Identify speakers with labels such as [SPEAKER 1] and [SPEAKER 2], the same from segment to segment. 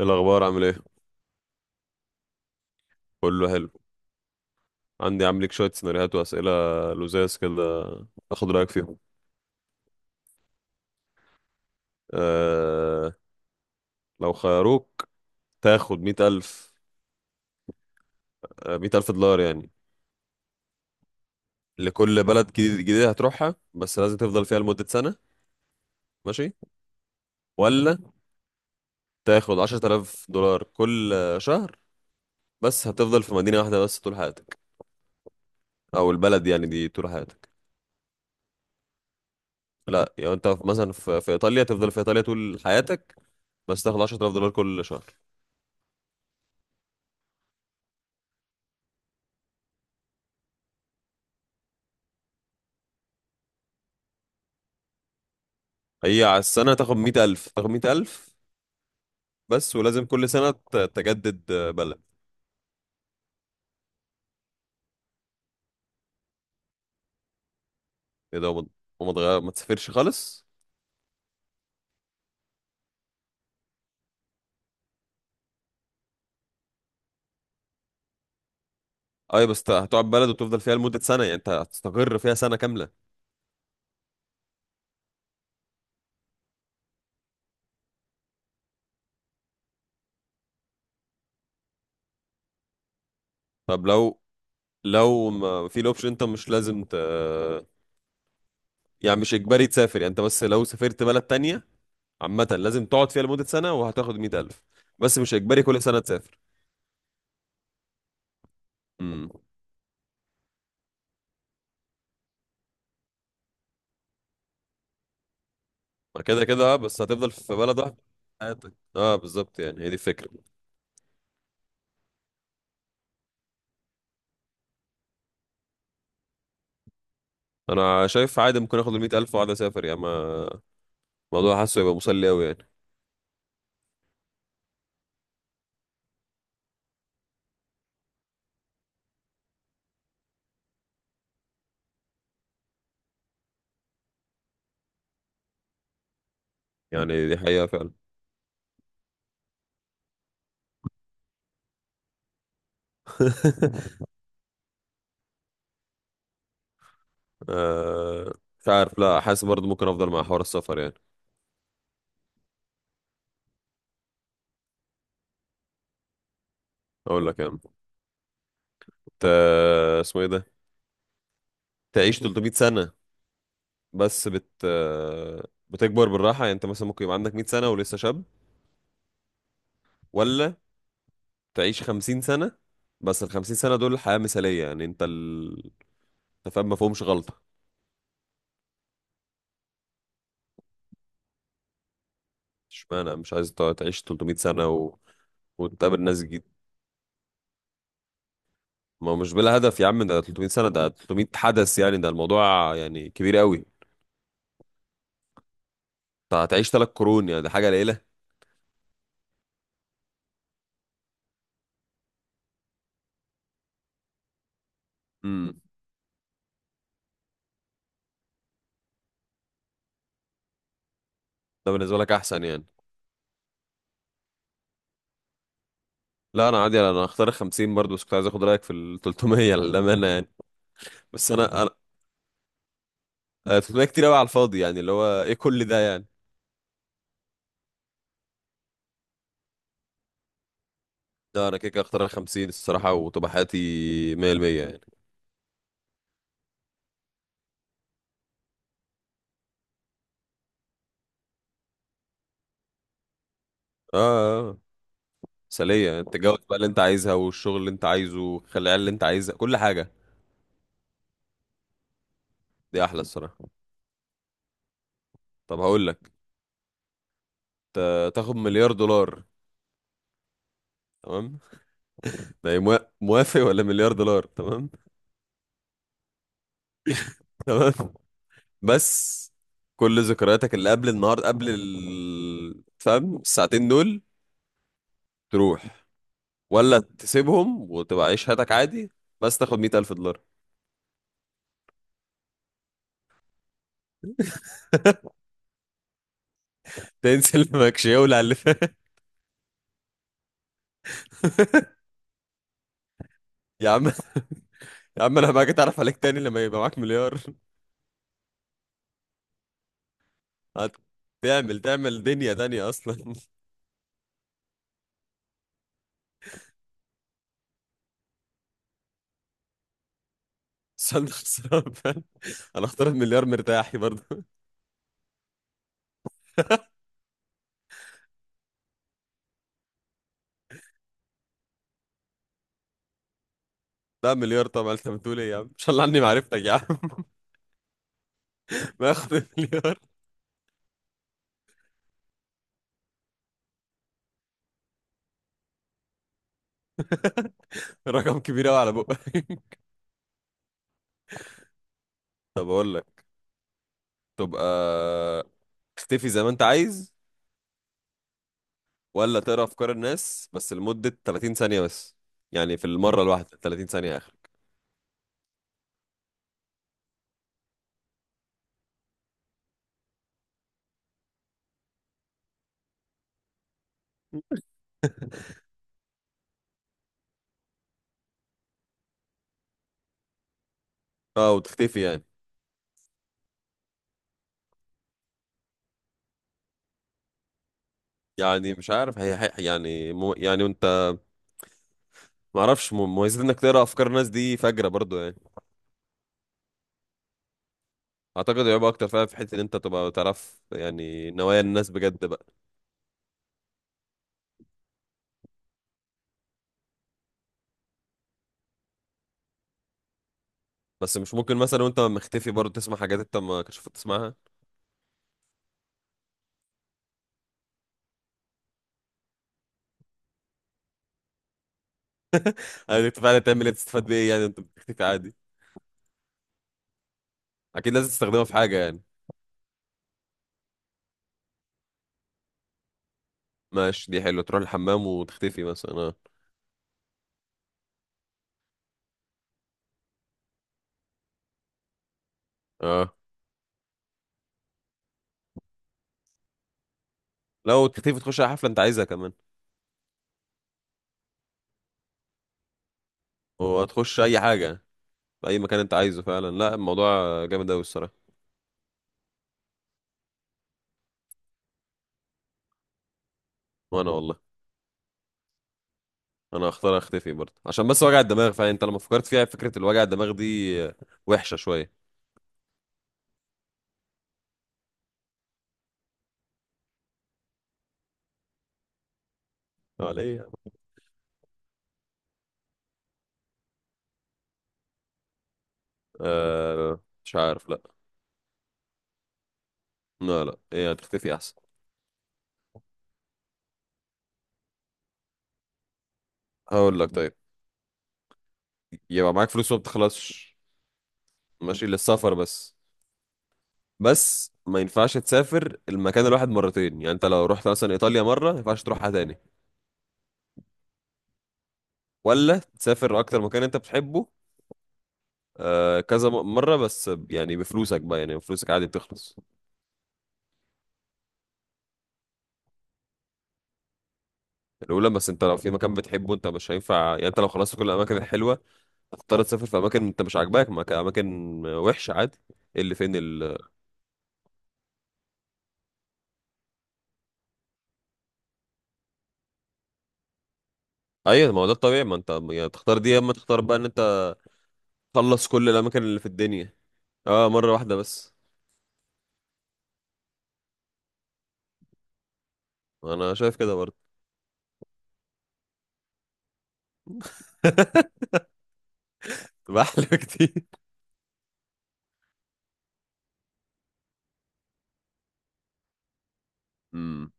[SPEAKER 1] إيه الأخبار عامل إيه؟ كله حلو. عندي عامل لك شوية سيناريوهات وأسئلة لزاز كده، آخد رأيك فيهم. أه. لو خيروك تاخد 100,000، $100,000 يعني لكل بلد جديدة هتروحها، بس لازم تفضل فيها لمدة سنة. ماشي، ولا تاخد $10,000 كل شهر، بس هتفضل في مدينة واحدة بس طول حياتك، أو البلد يعني دي طول حياتك. لا يعني أنت مثلا في إيطاليا تفضل في إيطاليا طول حياتك، بس تاخد عشرة آلاف دولار كل شهر. هي على السنة تاخد 100,000، تاخد 100,000، بس ولازم كل سنة تجدد بلد. ايه ده؟ وما تغير، ما تسافرش خالص. اي بس هتقعد بلد وتفضل فيها لمدة سنة، يعني انت هتستقر فيها سنة كاملة. طب لو ما في الاوبشن، انت مش لازم يعني مش اجباري تسافر، يعني انت بس لو سافرت بلد تانية عامة لازم تقعد فيها لمدة سنة وهتاخد 100,000، بس مش اجباري كل سنة تسافر. امم. ما كده كده اه، بس هتفضل في بلد واحدة حياتك. اه، بالظبط، يعني هي دي الفكرة. انا شايف عادي ممكن اخد ال 100,000 واقعد اسافر، يعني الموضوع حاسه يبقى مسلي قوي يعني. يعني دي حقيقة فعلا. آه، مش عارف، لا، حاسس برضه ممكن افضل مع حوار السفر يعني. اقول لك يعني ت... اسمه ايه ده؟ تعيش 300 سنة، بس بت آه، بتكبر بالراحة، يعني انت مثلا ممكن يبقى عندك 100 سنة ولسه شاب، ولا تعيش 50 سنة، بس ال 50 سنة دول حياة مثالية، يعني انت انت فاهم، ما فيهمش غلطة. اشمعنى مش عايز تقعد تعيش 300 سنة وتقابل ناس جديد؟ ما هو مش بلا هدف يا عم، ده 300 سنة، ده 300 حدث، يعني ده الموضوع يعني كبير قوي. أنت هتعيش 3 قرون، يعني دي حاجة قليلة. امم. ده بالنسبة لك أحسن يعني. لا، أنا عادي، أنا هختار ال 50 برضه، بس كنت عايز آخد رأيك في ال 300 للأمانة يعني. بس أنا 300 كتير أوي على الفاضي، يعني اللي هو إيه كل ده يعني. لا، أنا كده كده هختار ال 50 الصراحة، وتبقى حياتي 100% يعني. آه آه، مثالية، أنت تتجوز بقى اللي أنت عايزها، والشغل اللي أنت عايزه، خلي العيال اللي أنت عايزها، كل حاجة. دي أحلى الصراحة. طب هقول لك، تاخد مليار دولار، تمام، ده إيه، موافق، ولا مليار دولار تمام؟ تمام، بس كل ذكرياتك اللي قبل النهارده قبل فاهم، الساعتين دول، تروح، ولا تسيبهم وتبقى عيش حياتك عادي، بس تاخد $100,000. تنسى اللي ماكش، يولع اللي فات. يا عم، يا عم، انا بقى اتعرف عليك تاني لما يبقى معاك مليار. تعمل دنيا تانية اصلا. بس انا خسران، فاهم؟ انا اختار المليار مرتاحي برضه. لا، مليار طبعا، انت بتقول ايه يا عم، ان شاء الله عني معرفتك يا عم. باخد المليار، رقم كبير قوي على بقى. طب اقول لك، تبقى تختفي زي ما انت عايز، ولا تقرا افكار الناس بس لمدة 30 ثانية بس، يعني في المرة الواحدة 30 ثانية اخرك. اه، وتختفي يعني. يعني مش عارف، يعني يعني انت، ما اعرفش مميزات انك تقرا افكار الناس دي فجرة برضو يعني. اعتقد هيبقى اكتر فعلا، في حتة ان انت تبقى تعرف يعني نوايا الناس بجد بقى. بس مش ممكن مثلا وانت مختفي برضو تسمع حاجات انت ما كنتش المفروض تسمعها؟ يعني انت فعلا تعمل ايه، تستفاد بايه يعني انت بتختفي عادي؟ اكيد لازم تستخدمها في حاجة يعني. ماشي، دي حلوة، تروح الحمام وتختفي مثلا. اه اه، لو تختفي تخش على حفلة انت عايزها كمان، وهتخش اي حاجة، في اي مكان انت عايزه فعلا. لا، الموضوع جامد اوي الصراحة. وانا والله، انا هختار اختفي برضه، عشان بس وجع الدماغ فعلا، انت لما فكرت فيها فكرة الوجع الدماغ دي وحشة شوية. اه، ليه يا عم؟ آه، مش عارف. لا، لا، لا، ايه، هتختفي احسن. هقول لك طيب، يبقى معاك فلوس وما بتخلصش، ماشي للسفر بس، بس ما ينفعش تسافر المكان الواحد مرتين، يعني انت لو رحت مثلا ايطاليا مرة ما ينفعش تروحها تاني. ولا تسافر اكتر مكان انت بتحبه، آه كذا مرة بس، يعني بفلوسك بقى، يعني فلوسك عادي بتخلص. الأولى، بس انت لو في مكان بتحبه انت مش هينفع، يعني انت لو خلصت كل الأماكن الحلوة هتضطر تسافر في أماكن انت مش عاجباك، أماكن وحشة عادي. ايه اللي فين ال؟ أيوة، ما هو ده الطبيعي، ما انت يعني تختار دي، يا اما تختار بقى ان انت تخلص كل الأماكن اللي في الدنيا اه، مرة واحدة بس. أنا شايف كده برضه. تبقى أحلى كتير. امم.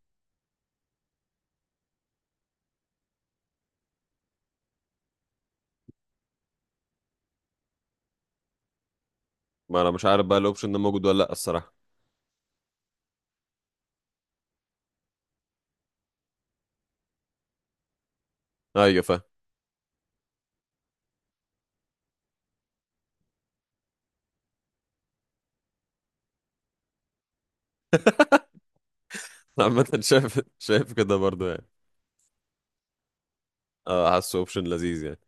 [SPEAKER 1] ما أنا مش عارف بقى الأوبشن ده موجود ولا لأ الصراحة. أيوة فاهم. عامة شايف، شايف كده برضه يعني. اه، حاسه اوبشن لذيذ يعني.